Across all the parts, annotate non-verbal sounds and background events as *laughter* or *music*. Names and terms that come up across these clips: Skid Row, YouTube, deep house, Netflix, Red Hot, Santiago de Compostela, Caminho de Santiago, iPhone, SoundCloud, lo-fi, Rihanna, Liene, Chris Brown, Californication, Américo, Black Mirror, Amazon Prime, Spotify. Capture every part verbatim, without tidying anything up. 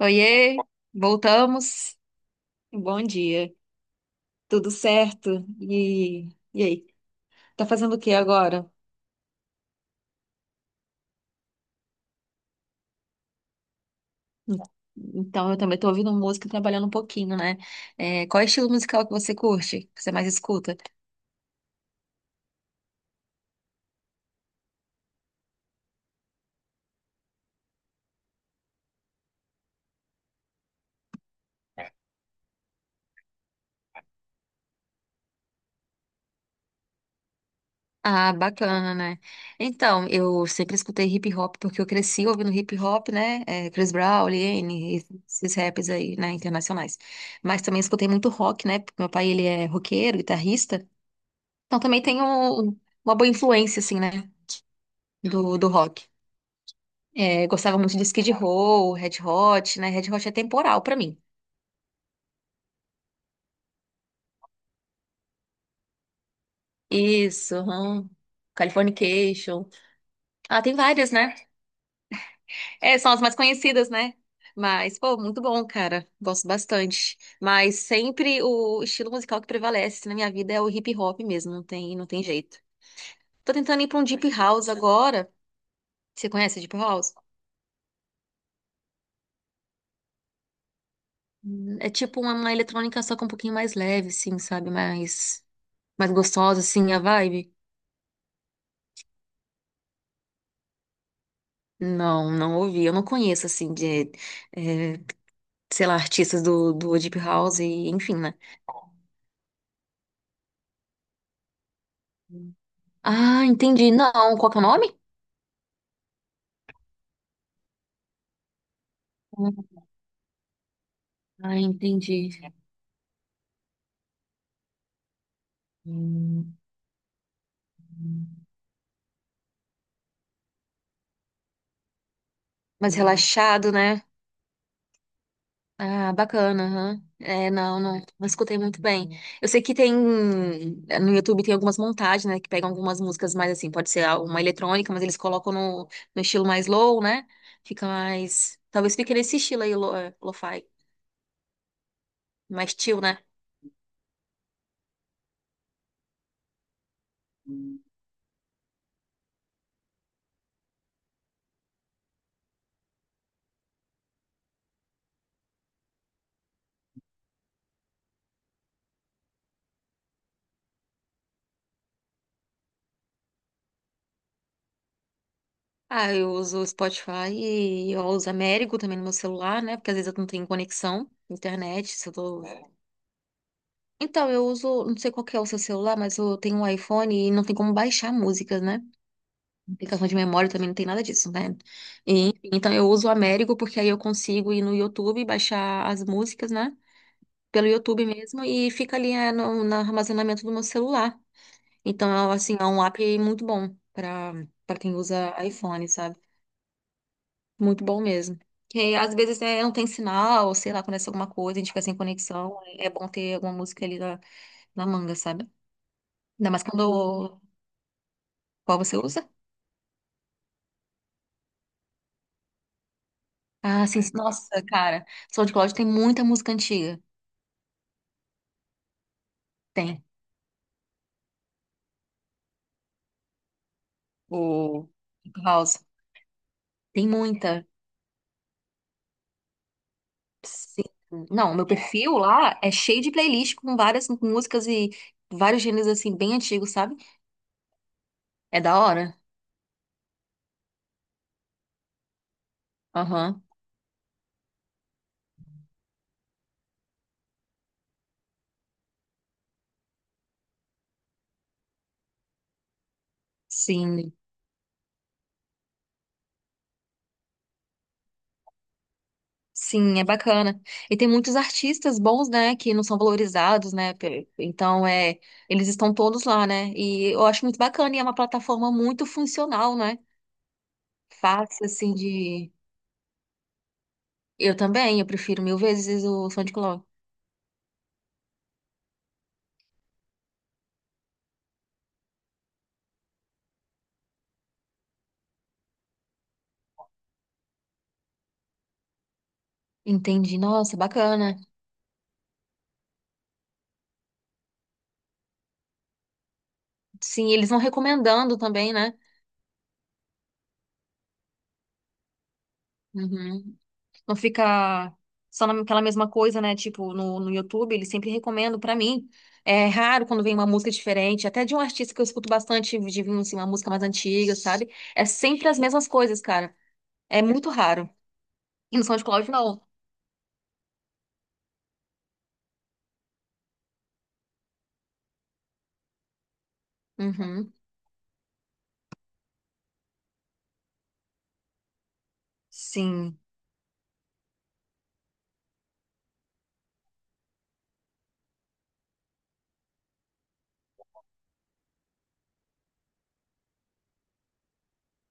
Oiê, voltamos. Bom dia. Tudo certo? E, e aí? Tá fazendo o que agora? Então, eu também tô ouvindo música e trabalhando um pouquinho, né? É, qual é o estilo musical que você curte? Que você mais escuta? Ah, bacana, né? Então, eu sempre escutei hip hop porque eu cresci ouvindo hip hop, né? É, Chris Brown, Liene, esses raps aí, né? Internacionais. Mas também escutei muito rock, né? Porque meu pai, ele é roqueiro, guitarrista. Então, também tenho uma boa influência, assim, né? do, do rock. É, gostava muito de Skid Row, Red Hot, né? Red Hot é temporal pra mim. Isso, aham. Californication. Ah, tem várias, né? É, são as mais conhecidas, né? Mas, pô, muito bom, cara. Gosto bastante. Mas sempre o estilo musical que prevalece na minha vida é o hip hop mesmo, não tem, não tem jeito. Tô tentando ir pra um deep house agora. Você conhece deep house? Hum, É tipo uma, uma eletrônica só com um pouquinho mais leve, assim, sabe? Mais, mais gostosa, assim, a vibe. Não, não ouvi. Eu não conheço, assim, de, eh, sei lá, artistas do, do Deep House, e, enfim, né? Ah, entendi. Não, qual que é o nome? Ah, entendi. Hum, Mais relaxado, né? Ah, bacana, aham. É, não, não, não escutei muito bem. Eu sei que tem, no YouTube tem algumas montagens, né, que pegam algumas músicas mais assim, pode ser uma eletrônica, mas eles colocam no, no estilo mais low, né? Fica mais, talvez fique nesse estilo aí, lo, eh, lo-fi, mais chill, né? Ah, eu uso o Spotify e eu uso Américo também no meu celular, né? Porque às vezes eu não tenho conexão, internet, se eu tô... Então, eu uso, não sei qual que é o seu celular, mas eu tenho um iPhone e não tem como baixar músicas, né? Aplicação de memória também não tem nada disso, né? E, então, eu uso o Américo porque aí eu consigo ir no YouTube e baixar as músicas, né? Pelo YouTube mesmo e fica ali é, no, no armazenamento do meu celular. Então, assim, é um app muito bom para para quem usa iPhone, sabe? Muito bom mesmo. Que às vezes né, não tem sinal, sei lá, acontece alguma coisa, a gente fica sem conexão. É é bom ter alguma música ali na, na manga, sabe? Ainda mais quando. Qual você usa? Ah, sim. Sim. Nossa, cara. SoundCloud tem muita música antiga. Tem. O House. Tem muita. Sim. Não, meu perfil lá é cheio de playlist com várias músicas e vários gêneros assim, bem antigos, sabe? É da hora. Aham. Sim. Sim, é bacana. E tem muitos artistas bons, né, que não são valorizados, né? pe- Então, é, eles estão todos lá, né? E eu acho muito bacana e é uma plataforma muito funcional, né? Fácil, assim, de. Eu também, eu prefiro mil vezes o SoundCloud. Entendi. Nossa, bacana. Sim, eles vão recomendando também, né? Uhum. Não fica só naquela mesma coisa, né? Tipo, no, no YouTube, eles sempre recomendam pra mim. É raro quando vem uma música diferente, até de um artista que eu escuto bastante, de assim, uma música mais antiga, sabe? É sempre as mesmas coisas, cara. É muito raro. E no SoundCloud, não. Uhum. Sim,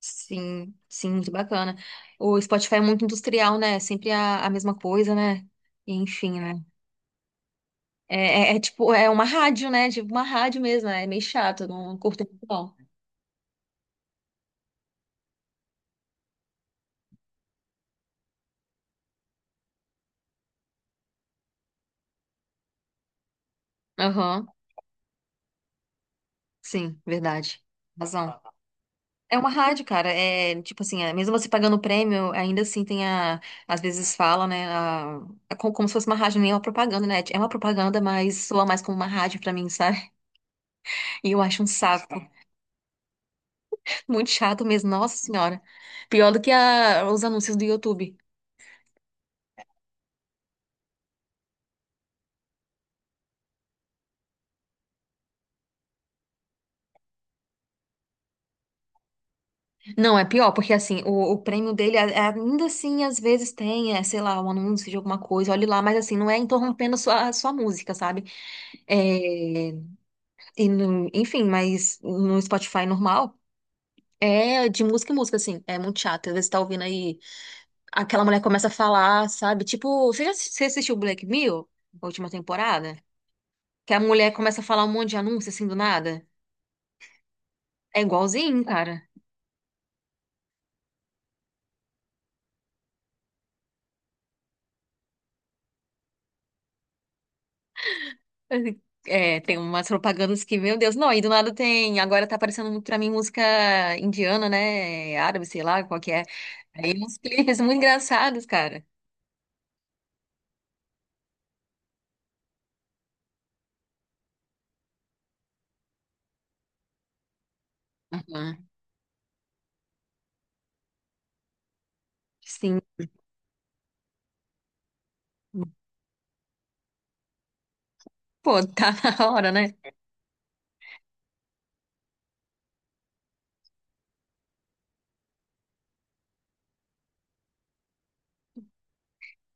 sim, sim, muito bacana. O Spotify é muito industrial, né? É sempre a, a mesma coisa, né? Enfim, né? É, é- é tipo, é uma rádio, né? Tipo, uma rádio mesmo, né? É meio chato, não curto muito, não. Aham. Sim, verdade. Razão. É uma rádio, cara. É tipo assim, é, mesmo você pagando o prêmio, ainda assim tem a. Às vezes fala, né? A, é co- como, se fosse uma rádio, nem é uma propaganda, né? É uma propaganda, mas soa mais como uma rádio pra mim, sabe? *laughs* E eu acho um saco. Muito chato mesmo, nossa senhora. Pior do que a- os anúncios do YouTube. Não, é pior, porque assim, o, o prêmio dele, a- a- ainda assim, às vezes tem, é, sei lá, um anúncio de alguma coisa, olhe lá, mas assim, não é interrompendo a sua, a sua música, sabe? É. E, no- enfim, mas no Spotify normal é de música em música, assim. É muito chato. Às vezes você tá ouvindo aí, aquela mulher começa a falar, sabe? Tipo, você já assi- você assistiu Black Mirror, a última temporada? Que a mulher começa a falar um monte de anúncio assim do nada. É igualzinho, cara. É, tem umas propagandas que, meu Deus, não, e do nada tem. Agora tá aparecendo muito pra mim música indiana, né? Árabe, sei lá, qual que é. Aí uns clipes muito engraçados, cara. Aham. Sim, pô, tá *laughs* na hora, né?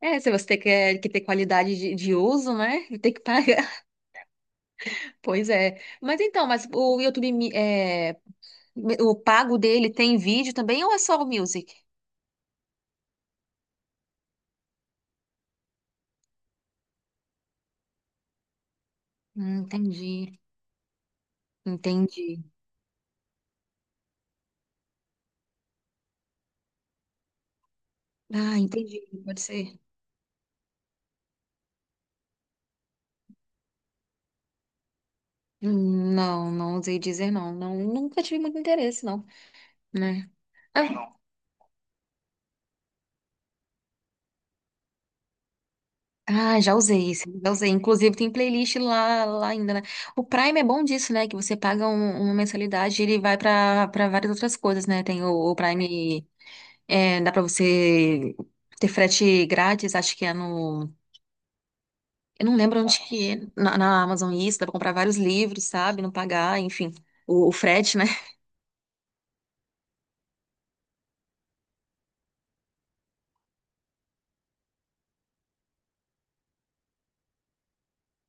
É, se você quer que que ter qualidade de, de uso, né? *laughs* Tem que pagar. *laughs* Pois é. Mas então, mas o YouTube, Mi- é, o pago dele tem vídeo também ou é só o Music? Hum, Entendi, entendi. Ah, entendi. Pode ser. Hum, Não, não usei dizer não. Não, nunca tive muito interesse, não, né? Ah, ah, já usei isso, já usei. Inclusive tem playlist lá, lá ainda, né? O Prime é bom disso, né? Que você paga um- uma mensalidade e ele vai pra para várias outras coisas, né? Tem o, o Prime. É, dá pra você ter frete grátis, acho que é no. Eu não lembro onde que é. Na, na Amazon isso, dá pra comprar vários livros, sabe? Não pagar, enfim. O, o frete, né? *laughs*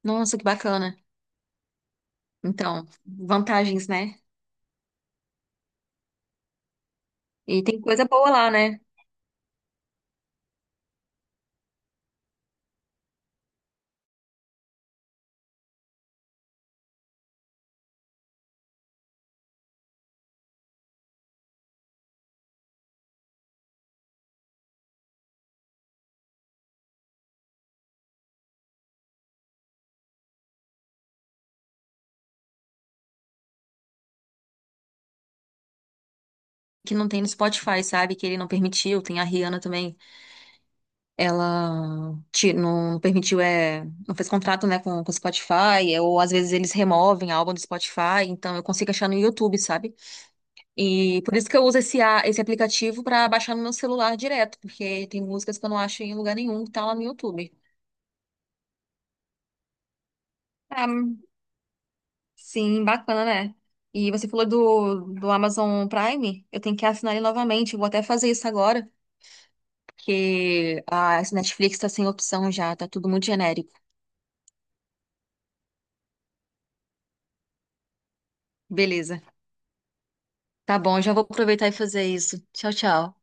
Nossa, que bacana. Então, vantagens, né? E tem coisa boa lá, né? Que não tem no Spotify, sabe? Que ele não permitiu. Tem a Rihanna também. Ela ti- não permitiu, é, não fez contrato, né, com com o Spotify. é, Ou às vezes eles removem álbum do Spotify. Então eu consigo achar no YouTube, sabe? E por isso que eu uso esse, a- esse aplicativo para baixar no meu celular direto, porque tem músicas que eu não acho em lugar nenhum que tá lá no YouTube. Ah, sim, bacana, né? E você falou do, do Amazon Prime, eu tenho que assinar ele novamente, eu vou até fazer isso agora, porque a esse Netflix tá sem opção já, tá tudo muito genérico. Beleza. Tá bom, já vou aproveitar e fazer isso. Tchau, tchau.